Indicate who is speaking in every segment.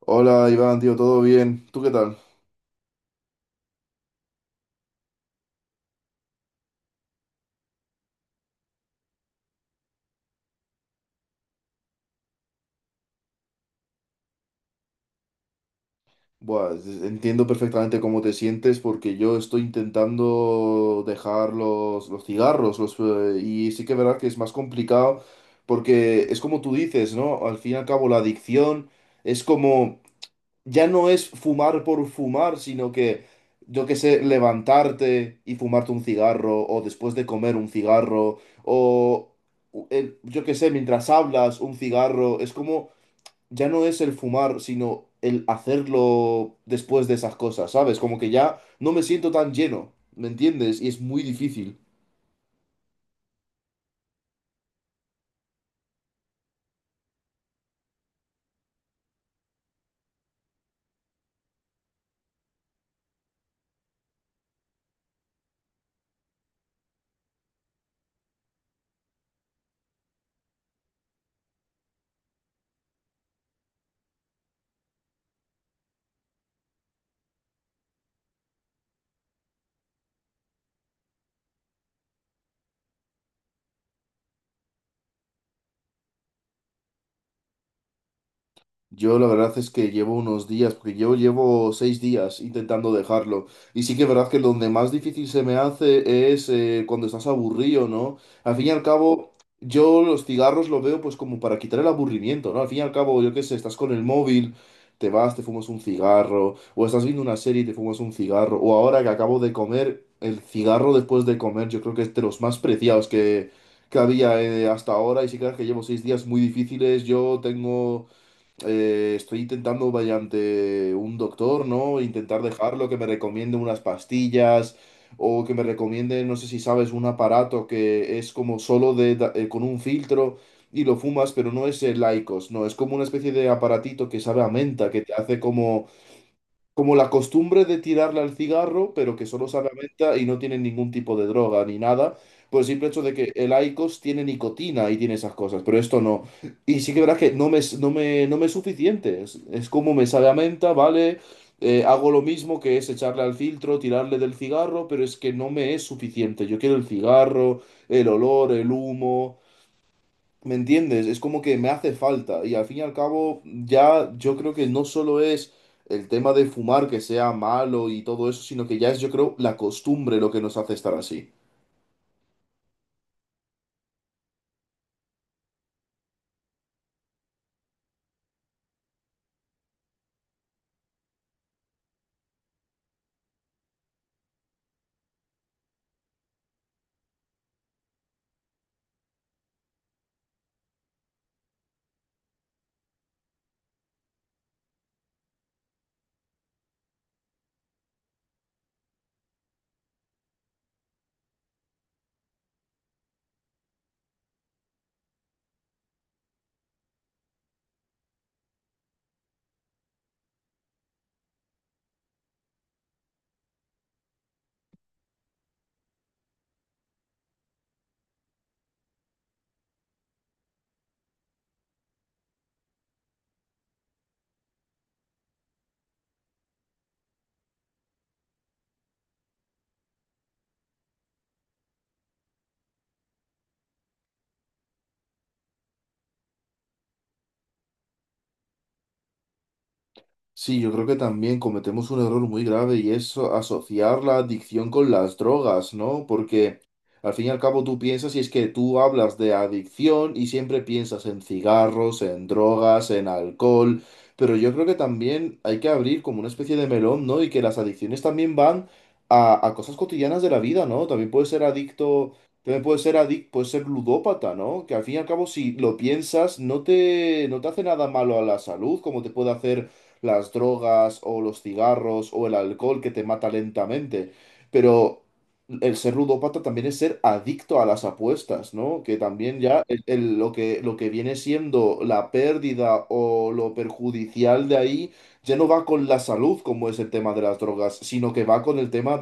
Speaker 1: Hola Iván, tío, ¿todo bien? ¿Tú qué tal? Buah, entiendo perfectamente cómo te sientes porque yo estoy intentando dejar los cigarros y sí que es verdad que es más complicado porque es como tú dices, ¿no? Al fin y al cabo la adicción es como, ya no es fumar por fumar, sino que, yo qué sé, levantarte y fumarte un cigarro o después de comer un cigarro o, yo qué sé, mientras hablas un cigarro, es como ya no es el fumar, sino el hacerlo después de esas cosas, ¿sabes? Como que ya no me siento tan lleno, ¿me entiendes? Y es muy difícil. Yo la verdad es que llevo unos días, porque yo llevo seis días intentando dejarlo. Y sí que es verdad que donde más difícil se me hace es cuando estás aburrido, ¿no? Al fin y al cabo, yo los cigarros los veo pues como para quitar el aburrimiento, ¿no? Al fin y al cabo, yo qué sé, estás con el móvil, te vas, te fumas un cigarro, o estás viendo una serie y te fumas un cigarro, o ahora que acabo de comer, el cigarro después de comer, yo creo que es de los más preciados que había hasta ahora. Y sí que es verdad que llevo seis días muy difíciles, yo tengo estoy intentando mediante un doctor, ¿no? Intentar dejarlo, que me recomiende unas pastillas o que me recomiende, no sé si sabes, un aparato que es como solo con un filtro y lo fumas, pero no es el IQOS, no, es como una especie de aparatito que sabe a menta, que te hace como como la costumbre de tirarle al cigarro, pero que solo sabe a menta y no tiene ningún tipo de droga ni nada, por el simple hecho de que el IQOS tiene nicotina y tiene esas cosas, pero esto no. Y sí que verás que no me es suficiente, es como me sabe a menta, ¿vale? Hago lo mismo que es echarle al filtro, tirarle del cigarro, pero es que no me es suficiente. Yo quiero el cigarro, el olor, el humo. ¿Me entiendes? Es como que me hace falta. Y al fin y al cabo, ya yo creo que no solo es el tema de fumar que sea malo y todo eso, sino que ya es, yo creo, la costumbre lo que nos hace estar así. Sí, yo creo que también cometemos un error muy grave y es asociar la adicción con las drogas, ¿no? Porque al fin y al cabo tú piensas y es que tú hablas de adicción y siempre piensas en cigarros, en drogas, en alcohol, pero yo creo que también hay que abrir como una especie de melón, ¿no? Y que las adicciones también van a cosas cotidianas de la vida, ¿no? También puedes ser adicto, también puedes ser adicto, puedes ser ludópata, ¿no? Que al fin y al cabo si lo piensas no te hace nada malo a la salud, como te puede hacer las drogas o los cigarros o el alcohol que te mata lentamente, pero el ser ludópata también es ser adicto a las apuestas, ¿no? Que también ya lo lo que viene siendo la pérdida o lo perjudicial de ahí ya no va con la salud, como es el tema de las drogas, sino que va con el tema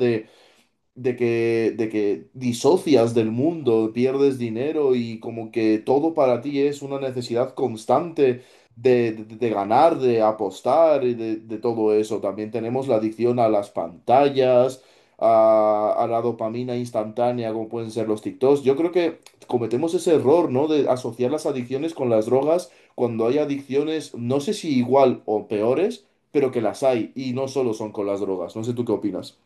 Speaker 1: de que disocias del mundo, pierdes dinero y como que todo para ti es una necesidad constante de ganar, de apostar y de todo eso. También tenemos la adicción a las pantallas, a la dopamina instantánea, como pueden ser los TikToks. Yo creo que cometemos ese error, ¿no? De asociar las adicciones con las drogas cuando hay adicciones, no sé si igual o peores, pero que las hay y no solo son con las drogas. No sé tú qué opinas.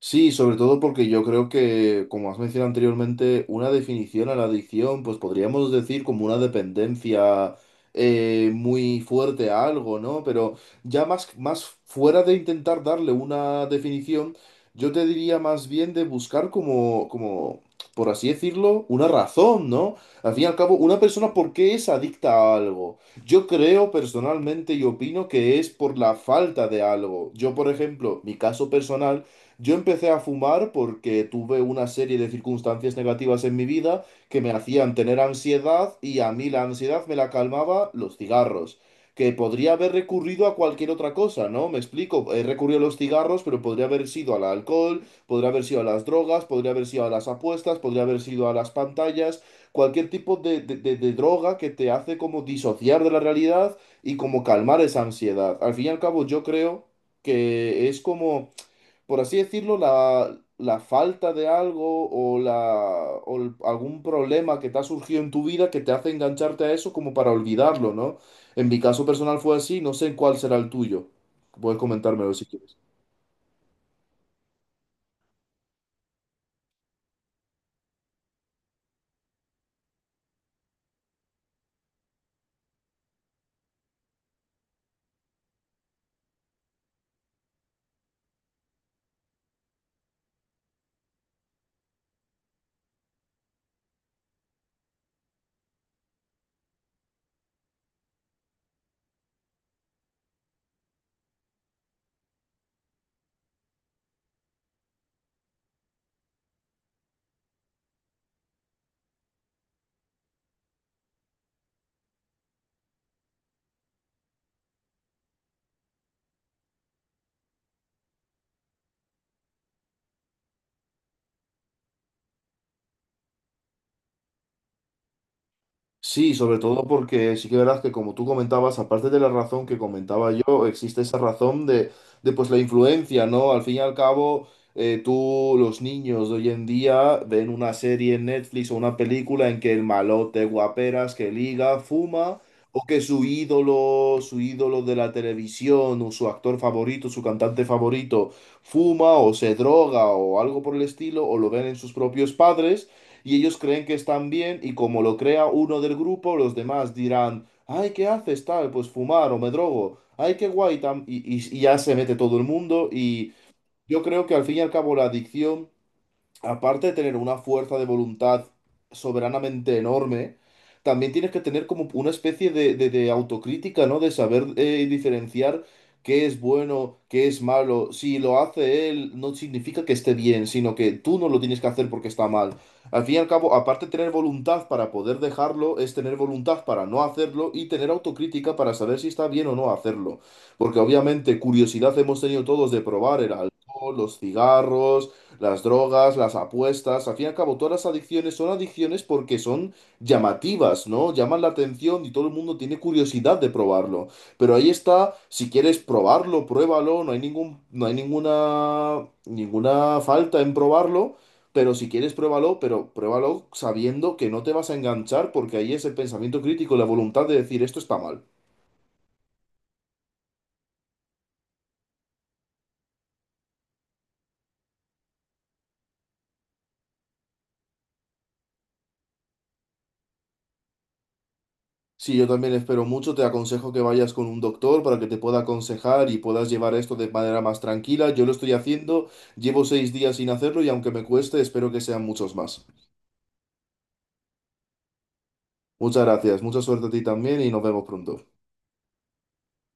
Speaker 1: Sí, sobre todo porque yo creo que, como has mencionado anteriormente, una definición a la adicción, pues podríamos decir como una dependencia muy fuerte a algo, ¿no? Pero ya más fuera de intentar darle una definición, yo te diría más bien de buscar como, por así decirlo, una razón, ¿no? Al fin y al cabo, una persona, ¿por qué es adicta a algo? Yo creo personalmente y opino que es por la falta de algo. Yo, por ejemplo, mi caso personal yo empecé a fumar porque tuve una serie de circunstancias negativas en mi vida que me hacían tener ansiedad y a mí la ansiedad me la calmaba los cigarros, que podría haber recurrido a cualquier otra cosa, ¿no? Me explico, he recurrido a los cigarros, pero podría haber sido al alcohol, podría haber sido a las drogas, podría haber sido a las apuestas, podría haber sido a las pantallas, cualquier tipo de, de droga que te hace como disociar de la realidad y como calmar esa ansiedad. Al fin y al cabo, yo creo que es como por así decirlo, la falta de algo o algún problema que te ha surgido en tu vida que te hace engancharte a eso como para olvidarlo, ¿no? En mi caso personal fue así, no sé cuál será el tuyo. Puedes comentármelo si quieres. Sí, sobre todo porque sí que verás que como tú comentabas, aparte de la razón que comentaba yo, existe esa razón de pues la influencia, ¿no? Al fin y al cabo, tú, los niños de hoy en día ven una serie en Netflix o una película en que el malote, guaperas, que liga, fuma, o que su ídolo de la televisión, o su actor favorito, su cantante favorito, fuma o se droga o algo por el estilo, o lo ven en sus propios padres. Y ellos creen que están bien y como lo crea uno del grupo, los demás dirán, ay, ¿qué haces tal? Pues fumar o me drogo, ay, qué guay, tam-". Y ya se mete todo el mundo y yo creo que al fin y al cabo la adicción aparte de tener una fuerza de voluntad soberanamente enorme, también tienes que tener como una especie de, de autocrítica, ¿no? De saber diferenciar qué es bueno, qué es malo. Si lo hace él, no significa que esté bien, sino que tú no lo tienes que hacer porque está mal. Al fin y al cabo, aparte de tener voluntad para poder dejarlo, es tener voluntad para no hacerlo y tener autocrítica para saber si está bien o no hacerlo. Porque obviamente curiosidad hemos tenido todos de probar el alcohol, los cigarros las drogas, las apuestas, al fin y al cabo, todas las adicciones son adicciones porque son llamativas, ¿no? Llaman la atención y todo el mundo tiene curiosidad de probarlo. Pero ahí está, si quieres probarlo, pruébalo, no hay ningún, no hay ninguna, ninguna falta en probarlo. Pero si quieres, pruébalo, pero pruébalo sabiendo que no te vas a enganchar porque ahí es el pensamiento crítico, la voluntad de decir esto está mal. Sí, yo también espero mucho. Te aconsejo que vayas con un doctor para que te pueda aconsejar y puedas llevar esto de manera más tranquila. Yo lo estoy haciendo, llevo seis días sin hacerlo y aunque me cueste, espero que sean muchos más. Muchas gracias, mucha suerte a ti también y nos vemos pronto.